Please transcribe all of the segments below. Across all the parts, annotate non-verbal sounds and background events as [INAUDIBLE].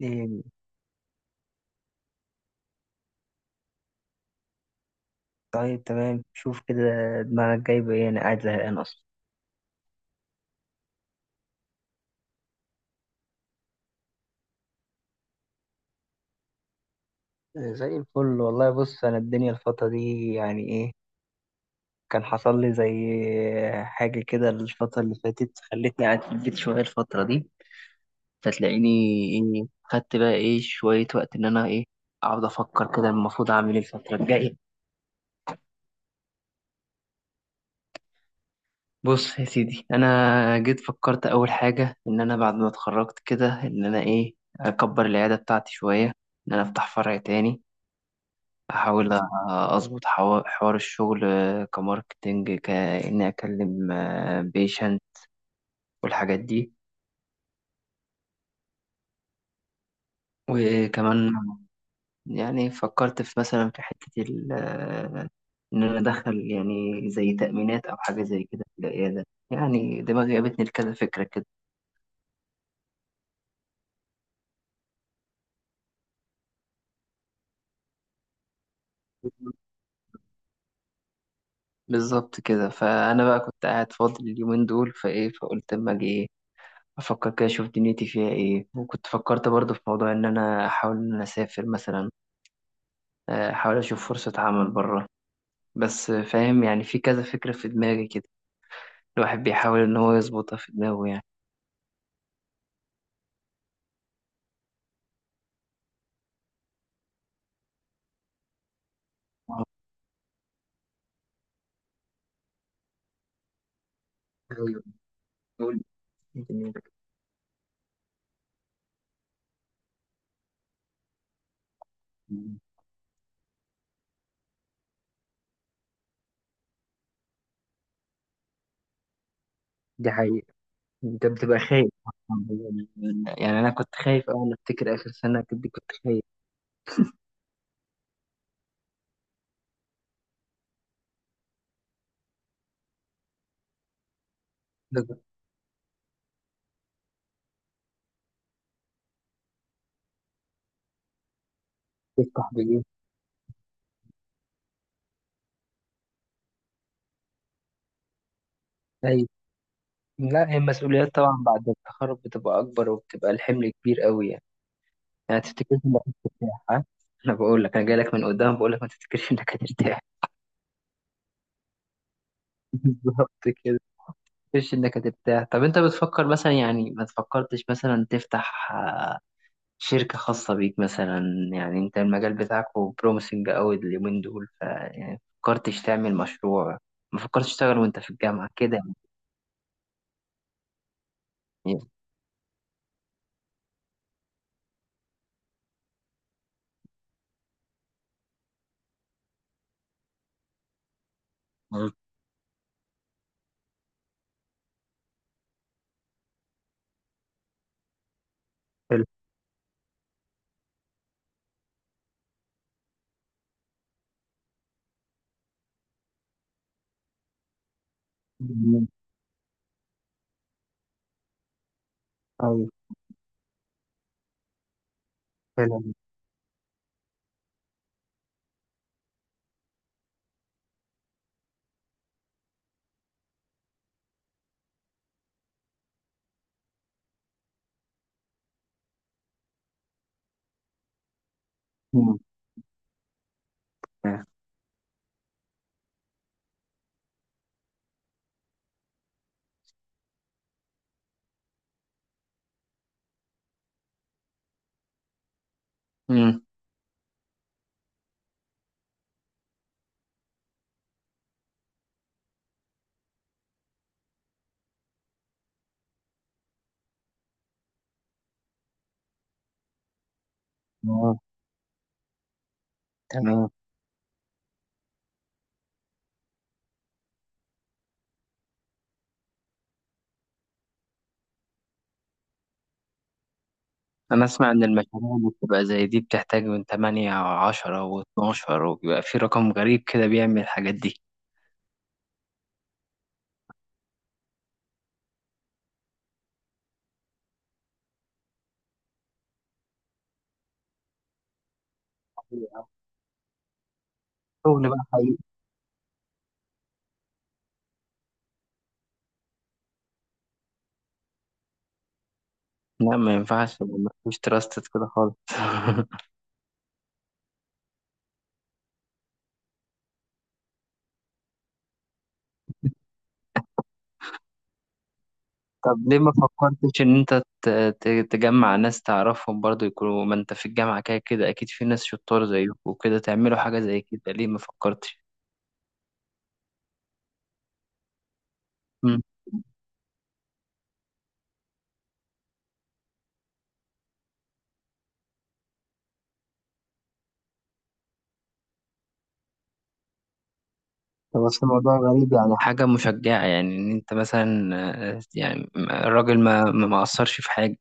إيه، طيب تمام شوف كده. دماغك جايبة إيه؟ أنا قاعد زهقان أصلا. إيه، زي الفل والله. بص، أنا الدنيا الفترة دي يعني إيه، كان حصل لي زي حاجة كده الفترة اللي فاتت خلتني قاعد في البيت شوية الفترة دي، فتلاقيني إيه خدت بقى إيه شوية وقت إن أنا إيه أقعد أفكر كده المفروض أعمل إيه الفترة الجاية. بص يا سيدي، أنا جيت فكرت أول حاجة إن أنا بعد ما اتخرجت كده إن أنا إيه أكبر العيادة بتاعتي شوية، إن أنا أفتح فرع تاني. احاول اظبط حوار الشغل، آه، كماركتينج كاني اكلم بيشنت والحاجات دي. وكمان يعني فكرت في مثلا في حتة ال- آه، ان انا ادخل يعني زي تأمينات او حاجة زي كده في العيادة. يعني دماغي جابتني لكذا فكرة كده. بالظبط كده، فانا بقى كنت قاعد فاضي اليومين دول فايه، فقلت اما اجي ايه افكر كده اشوف دنيتي فيها ايه. وكنت فكرت برضه في موضوع ان انا احاول ان انا اسافر مثلا، احاول اشوف فرصة عمل بره. بس فاهم يعني في كذا فكرة في دماغي كده، الواحد بيحاول ان هو يظبطها في دماغه يعني. آه، أيوة. قول. دي حقيقة. أنت بتبقى خايف يعني. أنا كنت خايف أوي، أنا أفتكر آخر سنة كنت خايف. ده كنت بفتح بإيه؟ خايف. لا، هي المسؤوليات طبعا بعد التخرج بتبقى أكبر وبتبقى الحمل كبير أوي يعني. يعني تفتكرش إنك هترتاح ها؟ انا بقول لك، انا جاي لك من قدام بقول لك ما تفتكرش انك هترتاح. [LAUGHS] بالظبط كده. مش انك هتبتاع. طب انت بتفكر مثلا، يعني ما تفكرتش مثلا تفتح، آه، شركة خاصة بيك مثلا؟ يعني انت المجال بتاعك بروميسنج قوي اليومين دول، ف يعني فكرتش تعمل مشروع؟ ما فكرتش تشتغل وانت في الجامعة كده؟ يعني مم. حلو. مم. أيوة، حلو. مم. مم. آه، تمام. أنا أسمع إن المشاريع اللي بتبقى زي دي بتحتاج من 8 أو 10 و12، وبيبقى في رقم غريب كده بيعمل الحاجات دي. شغل بقى. لا، ما ينفعش، ما فيش تراستد كده خالص. [LAUGHS] طب ليه ما فكرتش ان انت تجمع ناس تعرفهم برضو يكونوا ما انت في الجامعة كده، كده اكيد في ناس شطار زيك وكده تعملوا حاجة زي كده؟ ليه ما فكرتش؟ مم. طب بس الموضوع غريب يعني. حاجة مشجعة يعني، ان انت مثلا، آه، يعني الراجل ما اثرش في حاجة.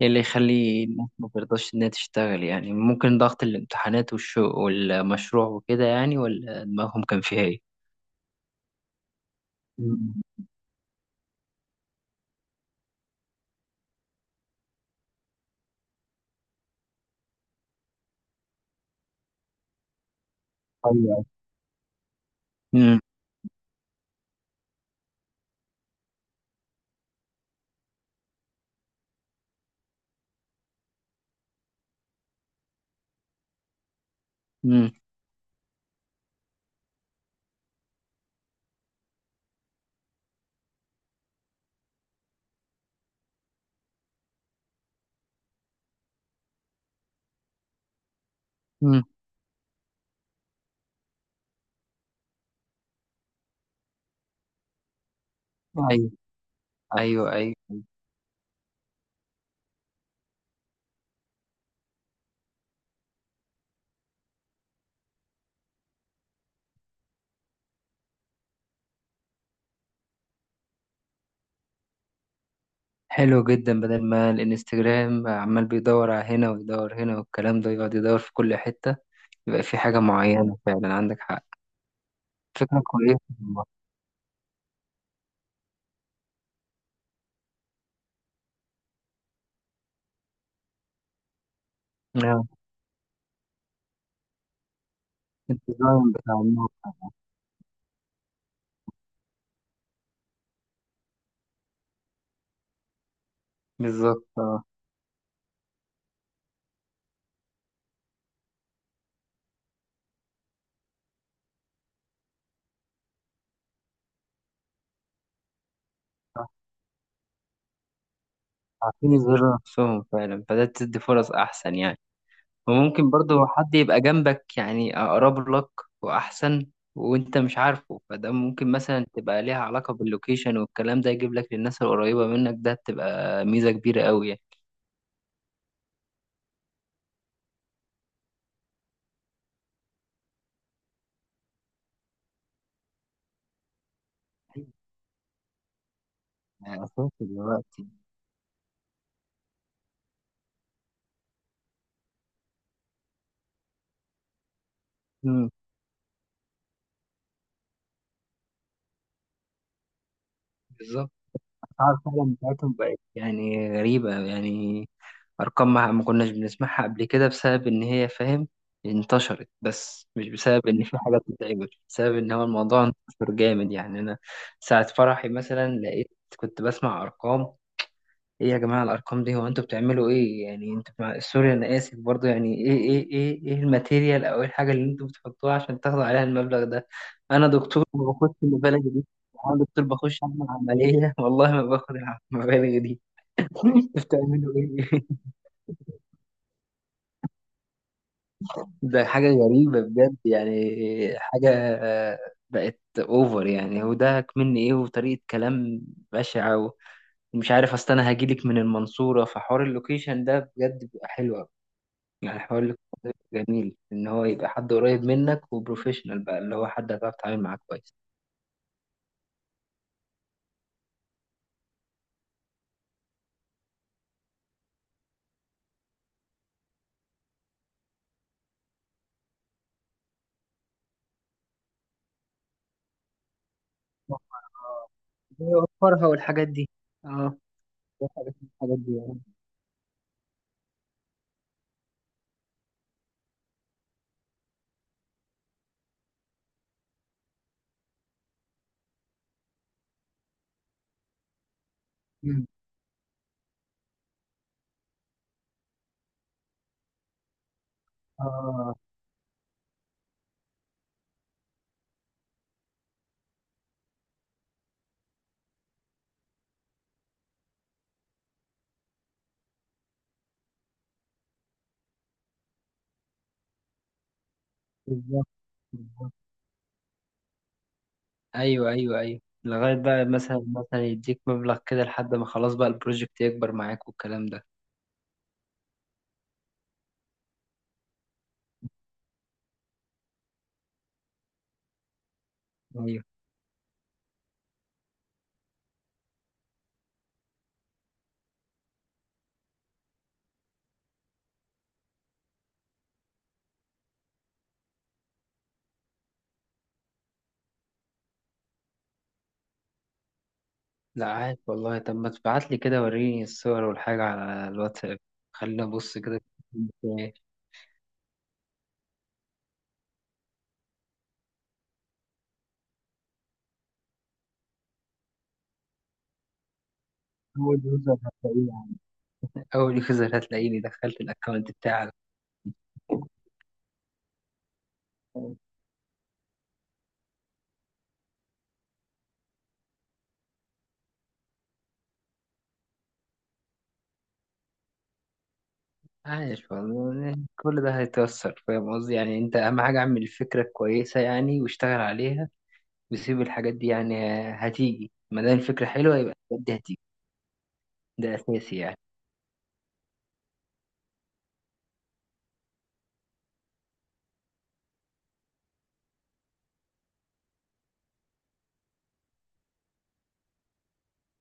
ايه اللي يخلي الناس ما ترضاش انها تشتغل يعني؟ ممكن ضغط الامتحانات والشو والمشروع وكده يعني، ولا دماغهم كان فيها ايه؟ مم. أيوة. امم. امم. ايوه، ايوه، ايوه. حلو جدا، بدل ما الانستجرام عمال بيدور على هنا ويدور هنا والكلام ده، يقعد يدور في كل حتة. يبقى في حاجة معينة فعلا، عندك حق. فكرة كويسة والله. آه، الديزاين بتاع الموقع. بالظبط اه. صح. عارفين يظهروا نفسهم فعلا، فده تدي فرص أحسن يعني. وممكن برضه حد يبقى جنبك يعني أقرب لك وأحسن وأنت مش عارفه، فده ممكن مثلا تبقى ليها علاقة باللوكيشن والكلام ده، يجيب لك للناس القريبة منك. ده تبقى ميزة كبيرة أوي يعني. يعني أساسي دلوقتي. مم، بالظبط. الأسعار فعلا بتاعتهم بقت يعني غريبة يعني. أرقام ما كناش بنسمعها قبل كده، بسبب إن هي فاهم انتشرت، بس مش بسبب إن في حاجة بتتعمل، بسبب إن هو الموضوع انتشر جامد يعني. أنا ساعة فرحي مثلا لقيت، كنت بسمع أرقام. إيه يا جماعة الأرقام دي؟ هو أنتوا بتعملوا إيه يعني؟ أنتوا مع، سوري أنا آسف برضو، يعني إيه الماتيريال، أو إيه الحاجة اللي أنتوا بتحطوها عشان تاخدوا عليها المبلغ ده؟ أنا دكتور ما باخدش المبالغ دي. أنا دكتور بخش أعمل عملية [LAUGHS] والله ما باخد المبالغ دي. [LAUGHS] بتعملوا إيه؟ ده حاجة غريبة بجد يعني. حاجة، آه، بقت اوفر يعني. هو ده مني ايه، وطريقة كلام بشعة. ومش عارف، اصل انا هجيلك من المنصورة، فحوار اللوكيشن ده بجد بيبقى حلو أوي. يعني حوار اللوكيشن ده بيبقى جميل، ان هو يبقى حد قريب منك وبروفيشنال بقى، اللي هو حد هتعرف تتعامل معاه كويس. يوفرها والحاجات دي. اه، ده حاجة من الحاجات دي يعني. مم. اه بالظبط. ايوه ايوه ايوه، لغايه بقى مثلا مثلا يديك مبلغ كده لحد ما خلاص بقى البروجكت يكبر معاك والكلام ده. ايوه. لا عارف والله. طب ما تبعت لي كده وريني الصور والحاجه على الواتساب، خلينا ابص كده. اول يوزر هتلاقيني. اول يوزر هتلاقيني دخلت الاكونت بتاعك. عايش والله، كل ده هيتوصل. فاهم قصدي يعني، انت اهم حاجه اعمل الفكره كويسه يعني، واشتغل عليها وسيب الحاجات دي يعني، هتيجي. ما دام الفكره حلوه، يبقى الحاجات دي هتيجي. ده اساسي يعني.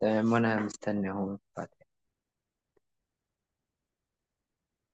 تمام، وانا مستني اهو.